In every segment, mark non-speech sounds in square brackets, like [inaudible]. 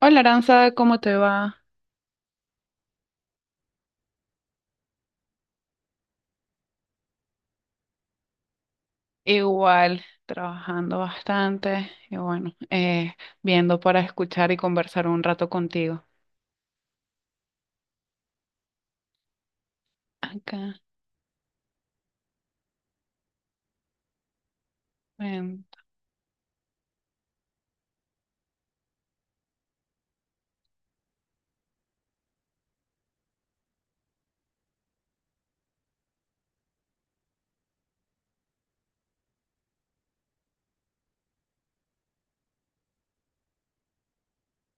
Hola Aranza, ¿cómo te va? Igual, trabajando bastante y bueno, viendo para escuchar y conversar un rato contigo. Acá, ven,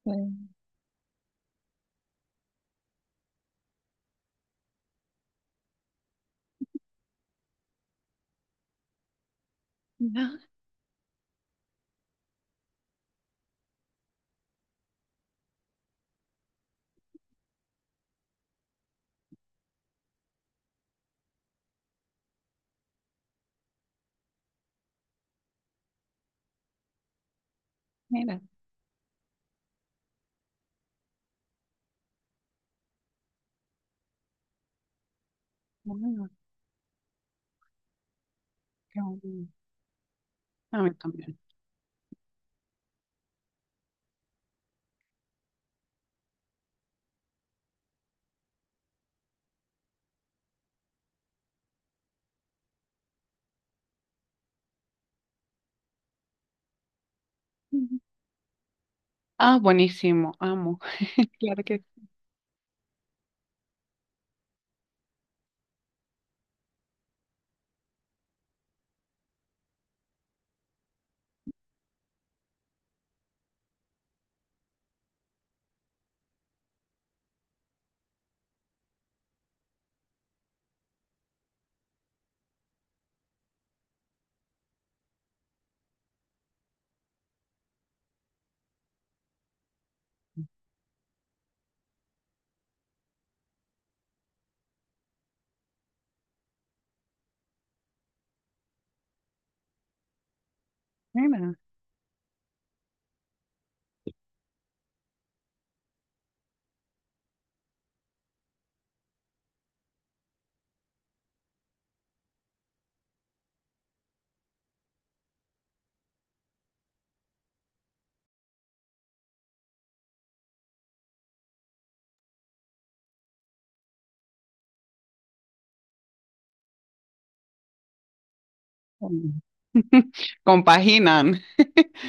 ven, no, mira, bueno, qué bueno. A mí también. Ujú. Ah, buenísimo, amo. [laughs] Claro que sí. Mira, mm, compaginan, [laughs]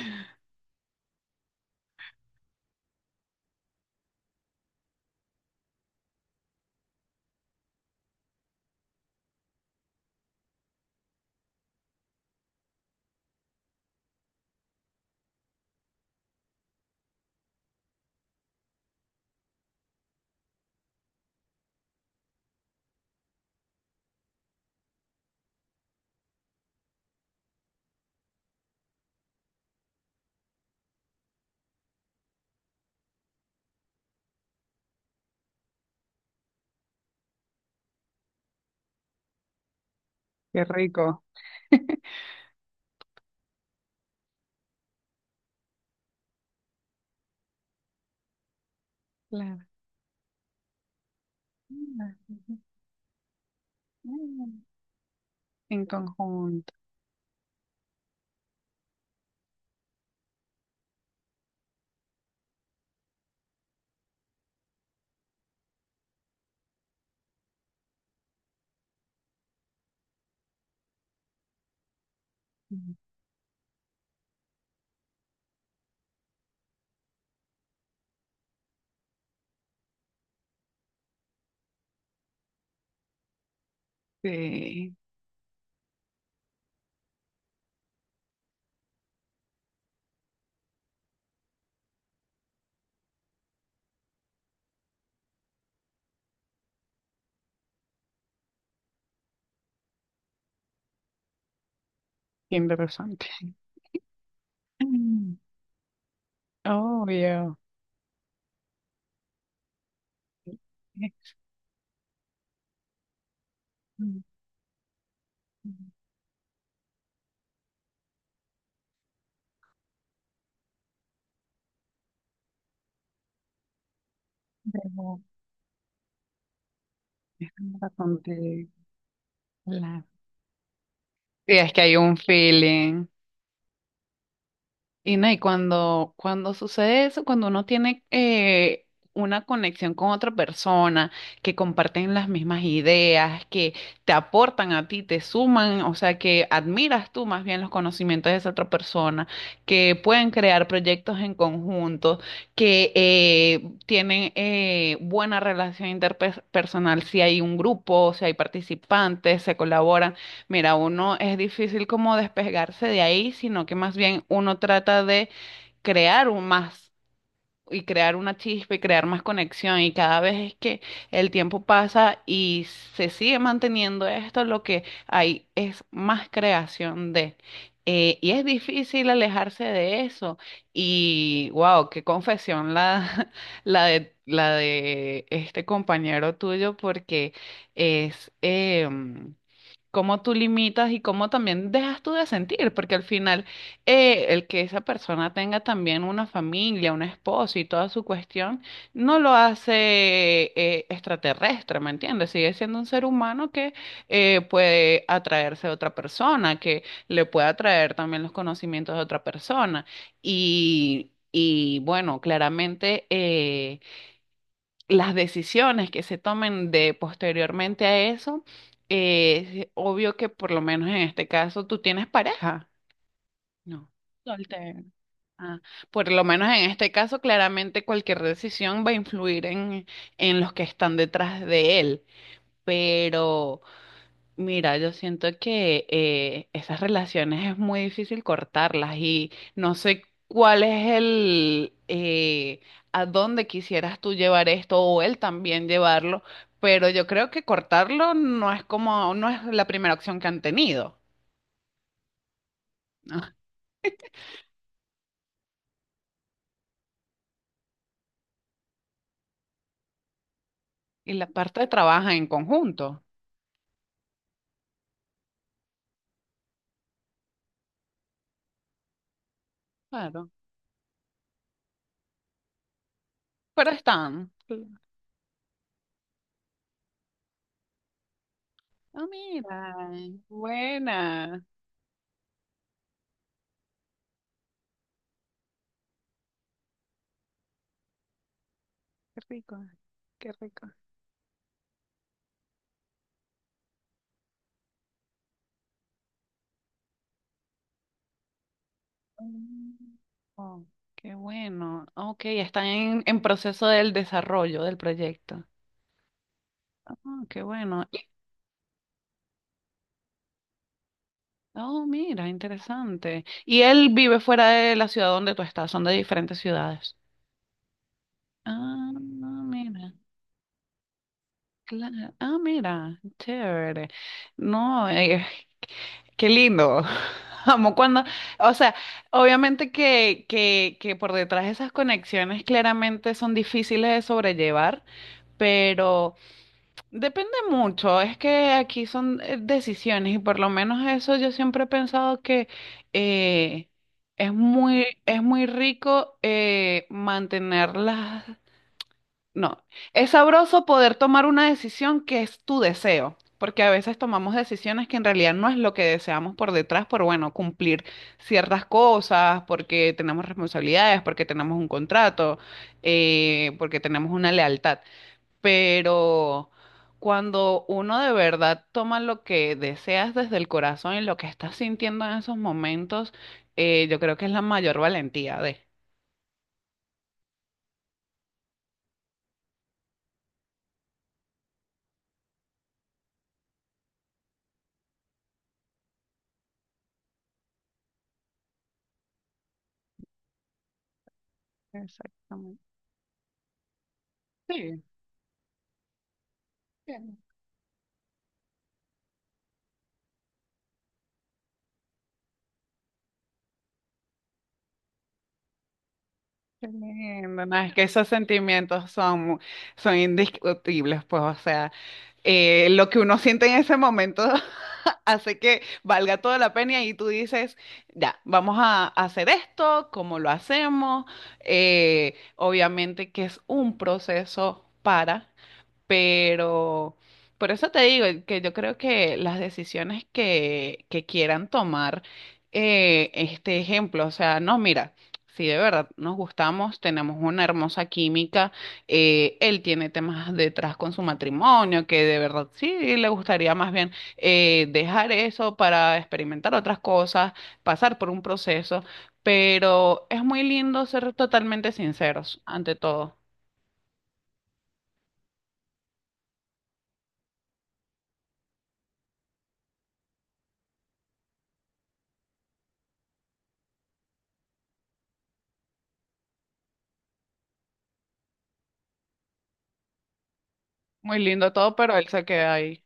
qué rico. [laughs] Claro. En conjunto. Sí, qué interesante. Obvio. Es un- Debo, es un ratón de la... Sí, es que hay un feeling. Y no, y cuando sucede eso, cuando uno tiene una conexión con otra persona, que comparten las mismas ideas, que te aportan a ti, te suman, o sea, que admiras tú más bien los conocimientos de esa otra persona, que pueden crear proyectos en conjunto, que tienen buena relación interpersonal, si hay un grupo, si hay participantes, se colaboran. Mira, uno es difícil como despegarse de ahí, sino que más bien uno trata de crear un más y crear una chispa y crear más conexión. Y cada vez es que el tiempo pasa y se sigue manteniendo esto, lo que hay es más creación de. Y es difícil alejarse de eso. Y wow, qué confesión [laughs] la la de este compañero tuyo, porque es... em, cómo tú limitas y cómo también dejas tú de sentir, porque al final el que esa persona tenga también una familia, un esposo y toda su cuestión, no lo hace extraterrestre, ¿me entiendes? Sigue siendo un ser humano que puede atraerse a otra persona, que le puede atraer también los conocimientos de otra persona. Y bueno, claramente... las decisiones que se tomen de posteriormente a eso, es obvio que por lo menos en este caso tú tienes pareja. No, soltero. Ah, por lo menos en este caso, claramente cualquier decisión va a influir en los que están detrás de él. Pero mira, yo siento que esas relaciones es muy difícil cortarlas y no sé cuál es a dónde quisieras tú llevar esto o él también llevarlo, pero yo creo que cortarlo no es como, no es la primera opción que han tenido. Ah, y la parte de trabajar en conjunto, claro. Pero están. Ah, mira, buena. Qué rico, qué rico. Mm. Oh, qué bueno. Ok, están en proceso del desarrollo del proyecto. Ah, qué bueno. Y oh, mira, interesante. ¿Y él vive fuera de la ciudad donde tú estás? Son de diferentes ciudades. Ah, no, mira. Claro. Ah, mira, chévere. No, qué lindo. [laughs] Amo cuando, o sea, obviamente que por detrás de esas conexiones claramente son difíciles de sobrellevar, pero... depende mucho, es que aquí son decisiones y por lo menos eso yo siempre he pensado que eh, es es muy rico mantenerlas, no, es sabroso poder tomar una decisión que es tu deseo, porque a veces tomamos decisiones que en realidad no es lo que deseamos por detrás, por bueno, cumplir ciertas cosas, porque tenemos responsabilidades, porque tenemos un contrato, porque tenemos una lealtad, pero cuando uno de verdad toma lo que deseas desde el corazón y lo que estás sintiendo en esos momentos, yo creo que es la mayor valentía de... Exactamente. Sí, bien, qué lindo. No, es que esos sentimientos son indiscutibles, pues, o sea, lo que uno siente en ese momento [laughs] hace que valga toda la pena y tú dices, ya, vamos a hacer esto, cómo lo hacemos. Obviamente que es un proceso para, pero por eso te digo que yo creo que las decisiones que quieran tomar este ejemplo, o sea, no, mira, si de verdad nos gustamos, tenemos una hermosa química, él tiene temas detrás con su matrimonio, que de verdad sí le gustaría más bien dejar eso para experimentar otras cosas, pasar por un proceso, pero es muy lindo ser totalmente sinceros ante todo. Muy lindo todo, pero él se queda ahí.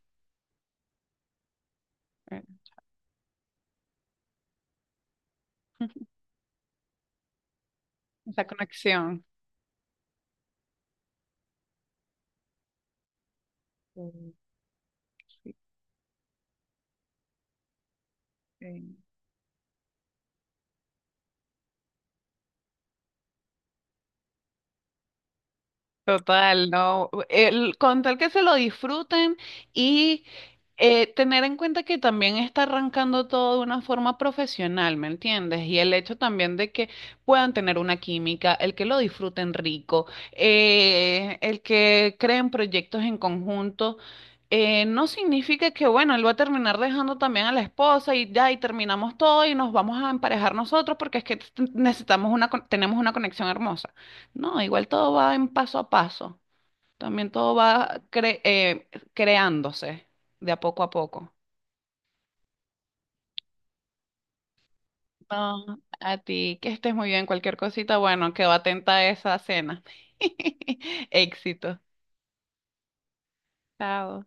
eh, [laughs] Esa conexión. Sí, sí. Total, no. El, con tal que se lo disfruten y tener en cuenta que también está arrancando todo de una forma profesional, ¿me entiendes? Y el hecho también de que puedan tener una química, el que lo disfruten rico, el que creen proyectos en conjunto. No significa que, bueno, él va a terminar dejando también a la esposa y ya, y terminamos todo y nos vamos a emparejar nosotros porque es que necesitamos tenemos una conexión hermosa. No, igual todo va en paso a paso. También todo va creándose de a poco a poco. No, a ti, que estés muy bien. Cualquier cosita, bueno, quedo atenta a esa cena. [laughs] Éxito. Chao.